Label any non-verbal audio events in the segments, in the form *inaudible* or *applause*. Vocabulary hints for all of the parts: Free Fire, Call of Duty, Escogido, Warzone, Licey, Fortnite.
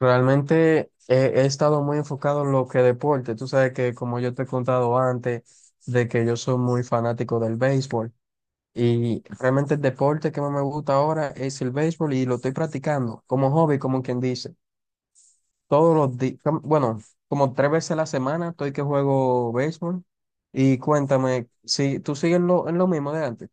Realmente he estado muy enfocado en lo que deporte. Tú sabes que, como yo te he contado antes, de que yo soy muy fanático del béisbol y realmente el deporte que más me gusta ahora es el béisbol y lo estoy practicando como hobby, como quien dice. Todos los días, bueno, como tres veces a la semana estoy que juego béisbol. Y cuéntame, ¿si tú sigues lo, en lo mismo de antes?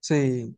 Sí.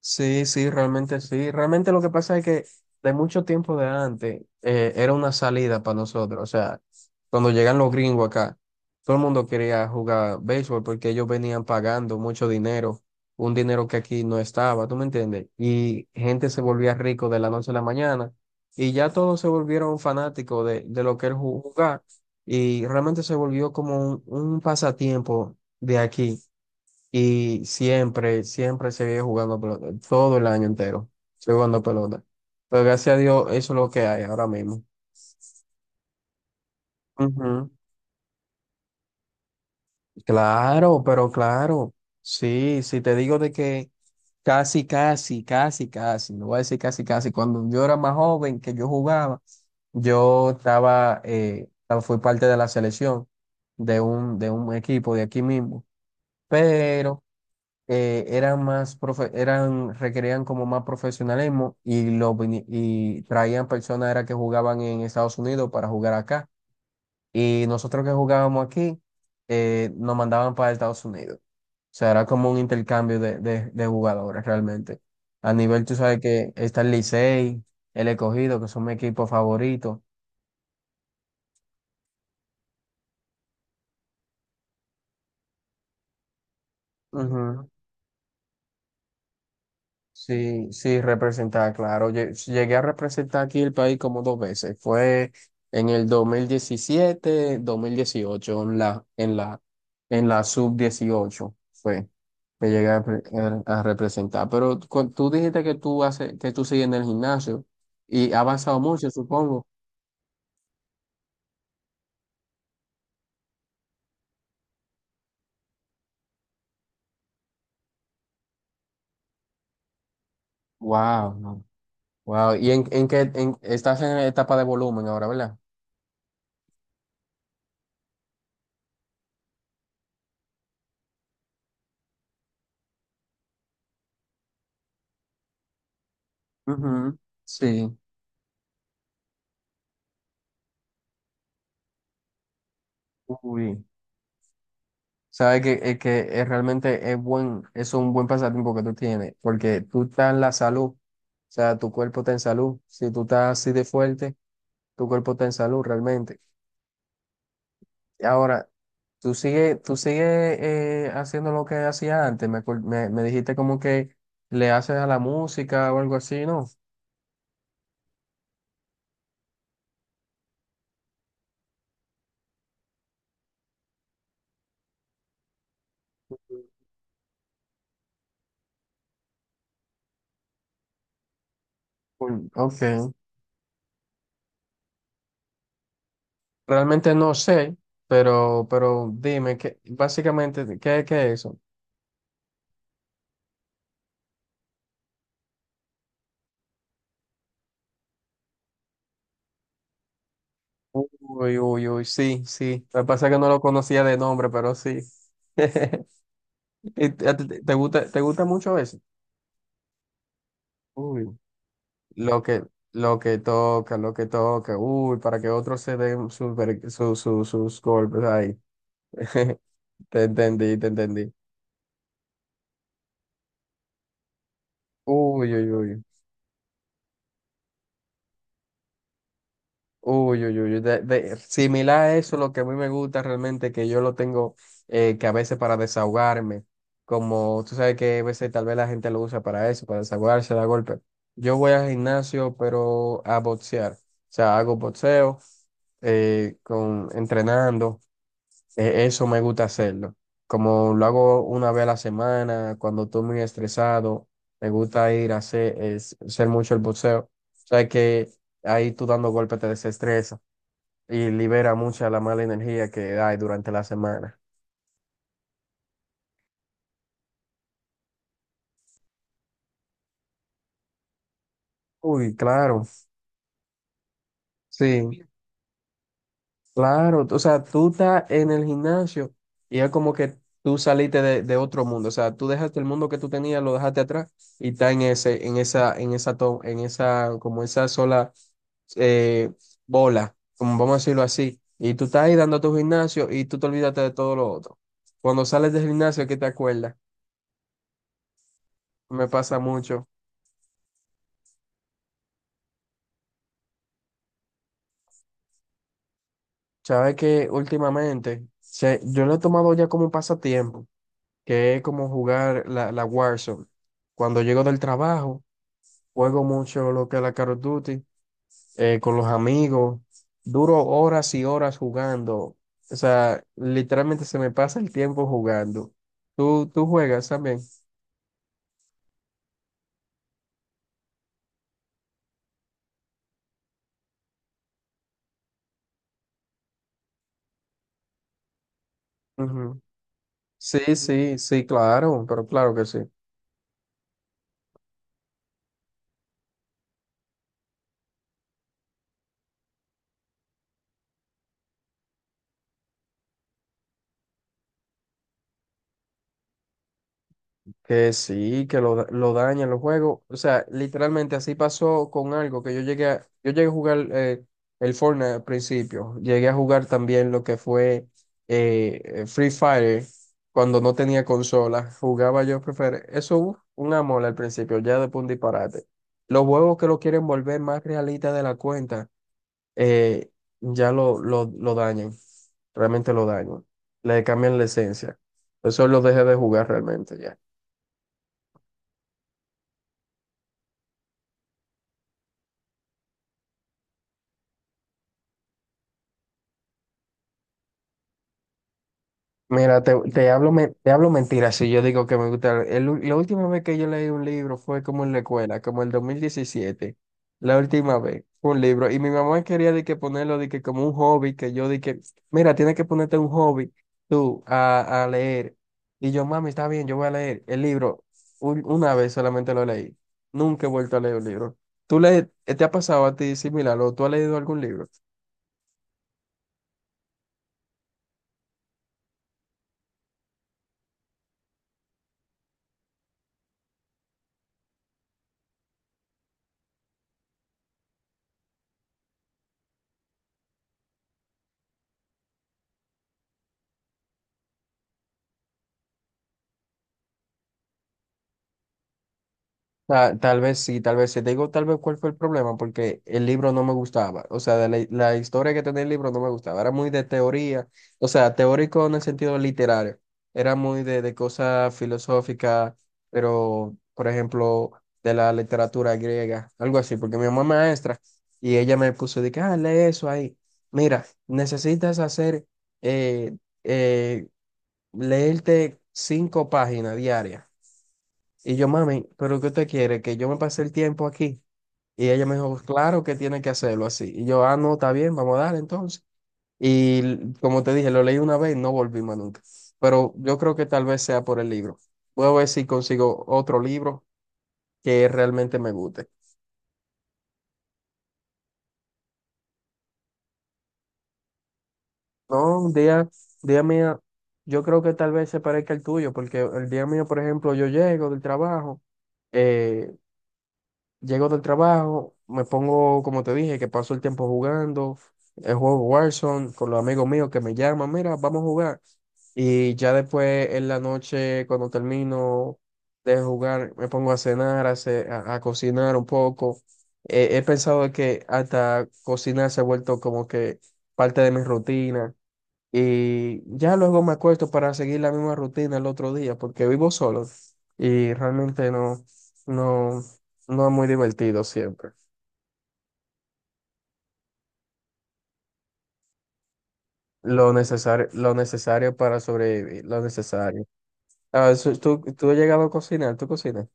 Sí, sí. Realmente lo que pasa es que de mucho tiempo de antes era una salida para nosotros. O sea, cuando llegan los gringos acá, todo el mundo quería jugar béisbol porque ellos venían pagando mucho dinero, un dinero que aquí no estaba, ¿tú me entiendes? Y gente se volvía rico de la noche a la mañana y ya todos se volvieron fanáticos de lo que era jugar, y realmente se volvió como un pasatiempo de aquí. Y siempre, siempre seguí jugando pelota, todo el año entero, seguí jugando pelota. Pero gracias a Dios, eso es lo que hay ahora mismo. Ujú. Claro, pero claro, sí, sí, te digo de que casi, casi, casi, casi, no voy a decir casi, casi, cuando yo era más joven que yo jugaba, yo estaba, fui parte de la selección de un equipo de aquí mismo, pero eran requerían como más profesionalismo, y traían personas era que jugaban en Estados Unidos para jugar acá, y nosotros que jugábamos aquí nos mandaban para Estados Unidos. O sea, era como un intercambio de jugadores realmente. A nivel, tú sabes que está el Licey, el Escogido, que son mis equipos favoritos. Sí, sí, representar, claro. Llegué a representar aquí el país como dos veces. Fue en el dos mil diecisiete, 2018, en la, en la, en la sub-18, fue que llegué a representar. Pero tú dijiste que tú haces, que tú sigues en el gimnasio y ha avanzado mucho, supongo. Wow. No, wow. ¿Y en qué estás en etapa de volumen ahora, verdad? Ujú. Sí. Uy. Sabes que, es un buen pasatiempo que tú tienes, porque tú estás en la salud. O sea, tu cuerpo está en salud. Si tú estás así de fuerte, tu cuerpo está en salud realmente. Ahora, tú sigues haciendo lo que hacías antes. Me dijiste como que le haces a la música o algo así, ¿no? Mm, ok, realmente no sé, pero dime, básicamente, ¿qué es eso? Uy, uy, uy, sí, sí. Lo que pasa es que no lo conocía de nombre, pero sí. *laughs* ¿Te gusta, te gusta mucho eso? Uy, lo que, lo que toca, uy, para que otros se den sus, ver- su- su- sus golpes ahí. *laughs* Te entendí, te entendí. Uy, uy, uy. Uy, uy, uy, similar a eso, lo que a mí me gusta realmente, que yo lo tengo, que a veces, para desahogarme, como tú sabes que a veces tal vez la gente lo usa para eso, para desahogarse, da golpe. Yo voy al gimnasio, pero a boxear. O sea, hago boxeo, con, entrenando, eso me gusta hacerlo. Como lo hago una vez a la semana, cuando estoy muy estresado, me gusta ir a hacer mucho el boxeo. O sea que ahí, tú dando golpes, te desestresa y libera mucha la mala energía que hay durante la semana. Uy, claro, sí, claro. O sea, tú estás en el gimnasio y es como que tú saliste de otro mundo. O sea, tú dejaste el mundo que tú tenías, lo dejaste atrás y está en ese, en esa, to- en esa, como esa sola eh, bola, como vamos a decirlo así. Y tú estás ahí dando tu gimnasio y tú te olvidaste de todo lo otro. Cuando sales del gimnasio, ¿qué te acuerdas? Me pasa mucho. Sabes que últimamente yo lo he tomado ya como un pasatiempo, que es como jugar la Warzone. Cuando llego del trabajo, juego mucho lo que es la Call of Duty con los amigos. Duro horas y horas jugando. O sea, literalmente se me pasa el tiempo jugando. ¿Tú juegas también? Ujú. Sí, sí, sí, claro, pero claro que sí. Que sí, que lo dañan los juegos. O sea, literalmente así pasó con algo que yo llegué a jugar, el Fortnite al principio. Llegué a jugar también lo que fue Free Fire cuando no tenía consola. Jugaba yo Free Fire. Eso, uf, un amor al principio, ya después un disparate. Los juegos que lo quieren volver más realista de la cuenta, eh, ya lo dañan. Realmente lo dañan. Le cambian la esencia. Eso lo dejé de jugar realmente ya. Mira, te hablo mentiras si yo digo que me gusta. La última vez que yo leí un libro fue como en la escuela, como el 2017. La última vez fue un libro. Y mi mamá quería de que ponerlo de que como un hobby, que yo dije, mira, tienes que ponerte un hobby tú a leer. Y yo, mami, está bien, yo voy a leer el libro. Una vez solamente lo leí. Nunca he vuelto a leer un libro. ¿Tú te ha pasado a ti similar, o tú has leído algún libro? Tal, vez sí, tal vez sí. Te digo tal vez cuál fue el problema, porque el libro no me gustaba. O sea, de la historia que tenía el libro no me gustaba. Era muy de teoría, o sea, teórico en el sentido literario. Era muy de cosas filosóficas, pero, por ejemplo, de la literatura griega, algo así, porque mi mamá es maestra y ella me puso de que, ah, lee eso ahí. Mira, necesitas eh, eh, leerte cinco páginas diarias. Y yo, mami, ¿pero qué usted quiere? ¿Que yo me pase el tiempo aquí? Y ella me dijo, claro que tiene que hacerlo así. Y yo, ah, no, está bien, vamos a dar entonces. Y como te dije, lo leí una vez y no volví más nunca. Pero yo creo que tal vez sea por el libro. Voy a ver si consigo otro libro que realmente me guste. No, un día, día mía, yo creo que tal vez se parezca al tuyo, porque el día mío, por ejemplo, yo llego del trabajo. eh, Llego del trabajo, me pongo, como te dije, que paso el tiempo jugando el juego Warzone con los amigos míos, que me llaman, mira, vamos a jugar. Y ya después, en la noche, cuando termino de jugar, me pongo a cenar, a cocinar un poco. He pensado de que hasta cocinar se ha vuelto como que parte de mi rutina. Y ya luego me acuesto para seguir la misma rutina el otro día, porque vivo solo y realmente no, no, no es muy divertido siempre. Lo necesario para sobrevivir, lo necesario. Ah, ¿tú has llegado a cocinar? ¿Tú cocinas?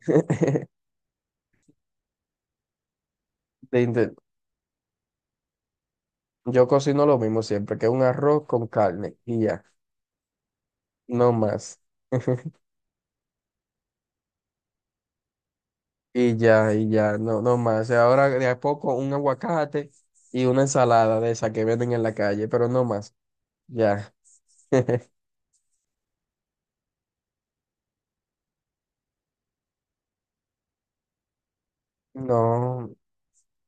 *laughs* De inte- Yo cocino lo mismo siempre, que un arroz con carne y ya, no más. *laughs* Y ya, no, no más. Ahora, de a poco, un aguacate y una ensalada de esa que venden en la calle, pero no más. Ya. *laughs* No,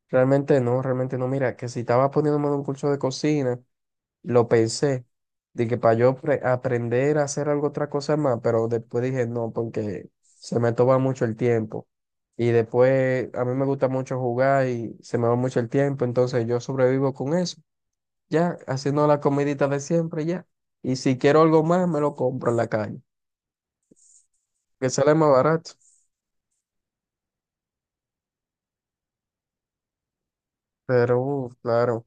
realmente no, realmente no. Mira, que si estaba poniéndome en un curso de cocina, lo pensé, de que para yo aprender a hacer algo, otra cosa más, pero después dije no, porque se me toma mucho el tiempo. Y después a mí me gusta mucho jugar y se me va mucho el tiempo, entonces yo sobrevivo con eso, ya, haciendo la comidita de siempre, ya. Y si quiero algo más, me lo compro en la calle, que sale más barato. Pero, claro.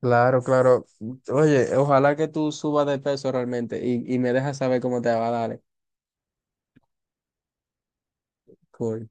Claro, claro. Oye, ojalá que tú subas de peso realmente y me dejas saber cómo te va, dale. Cool.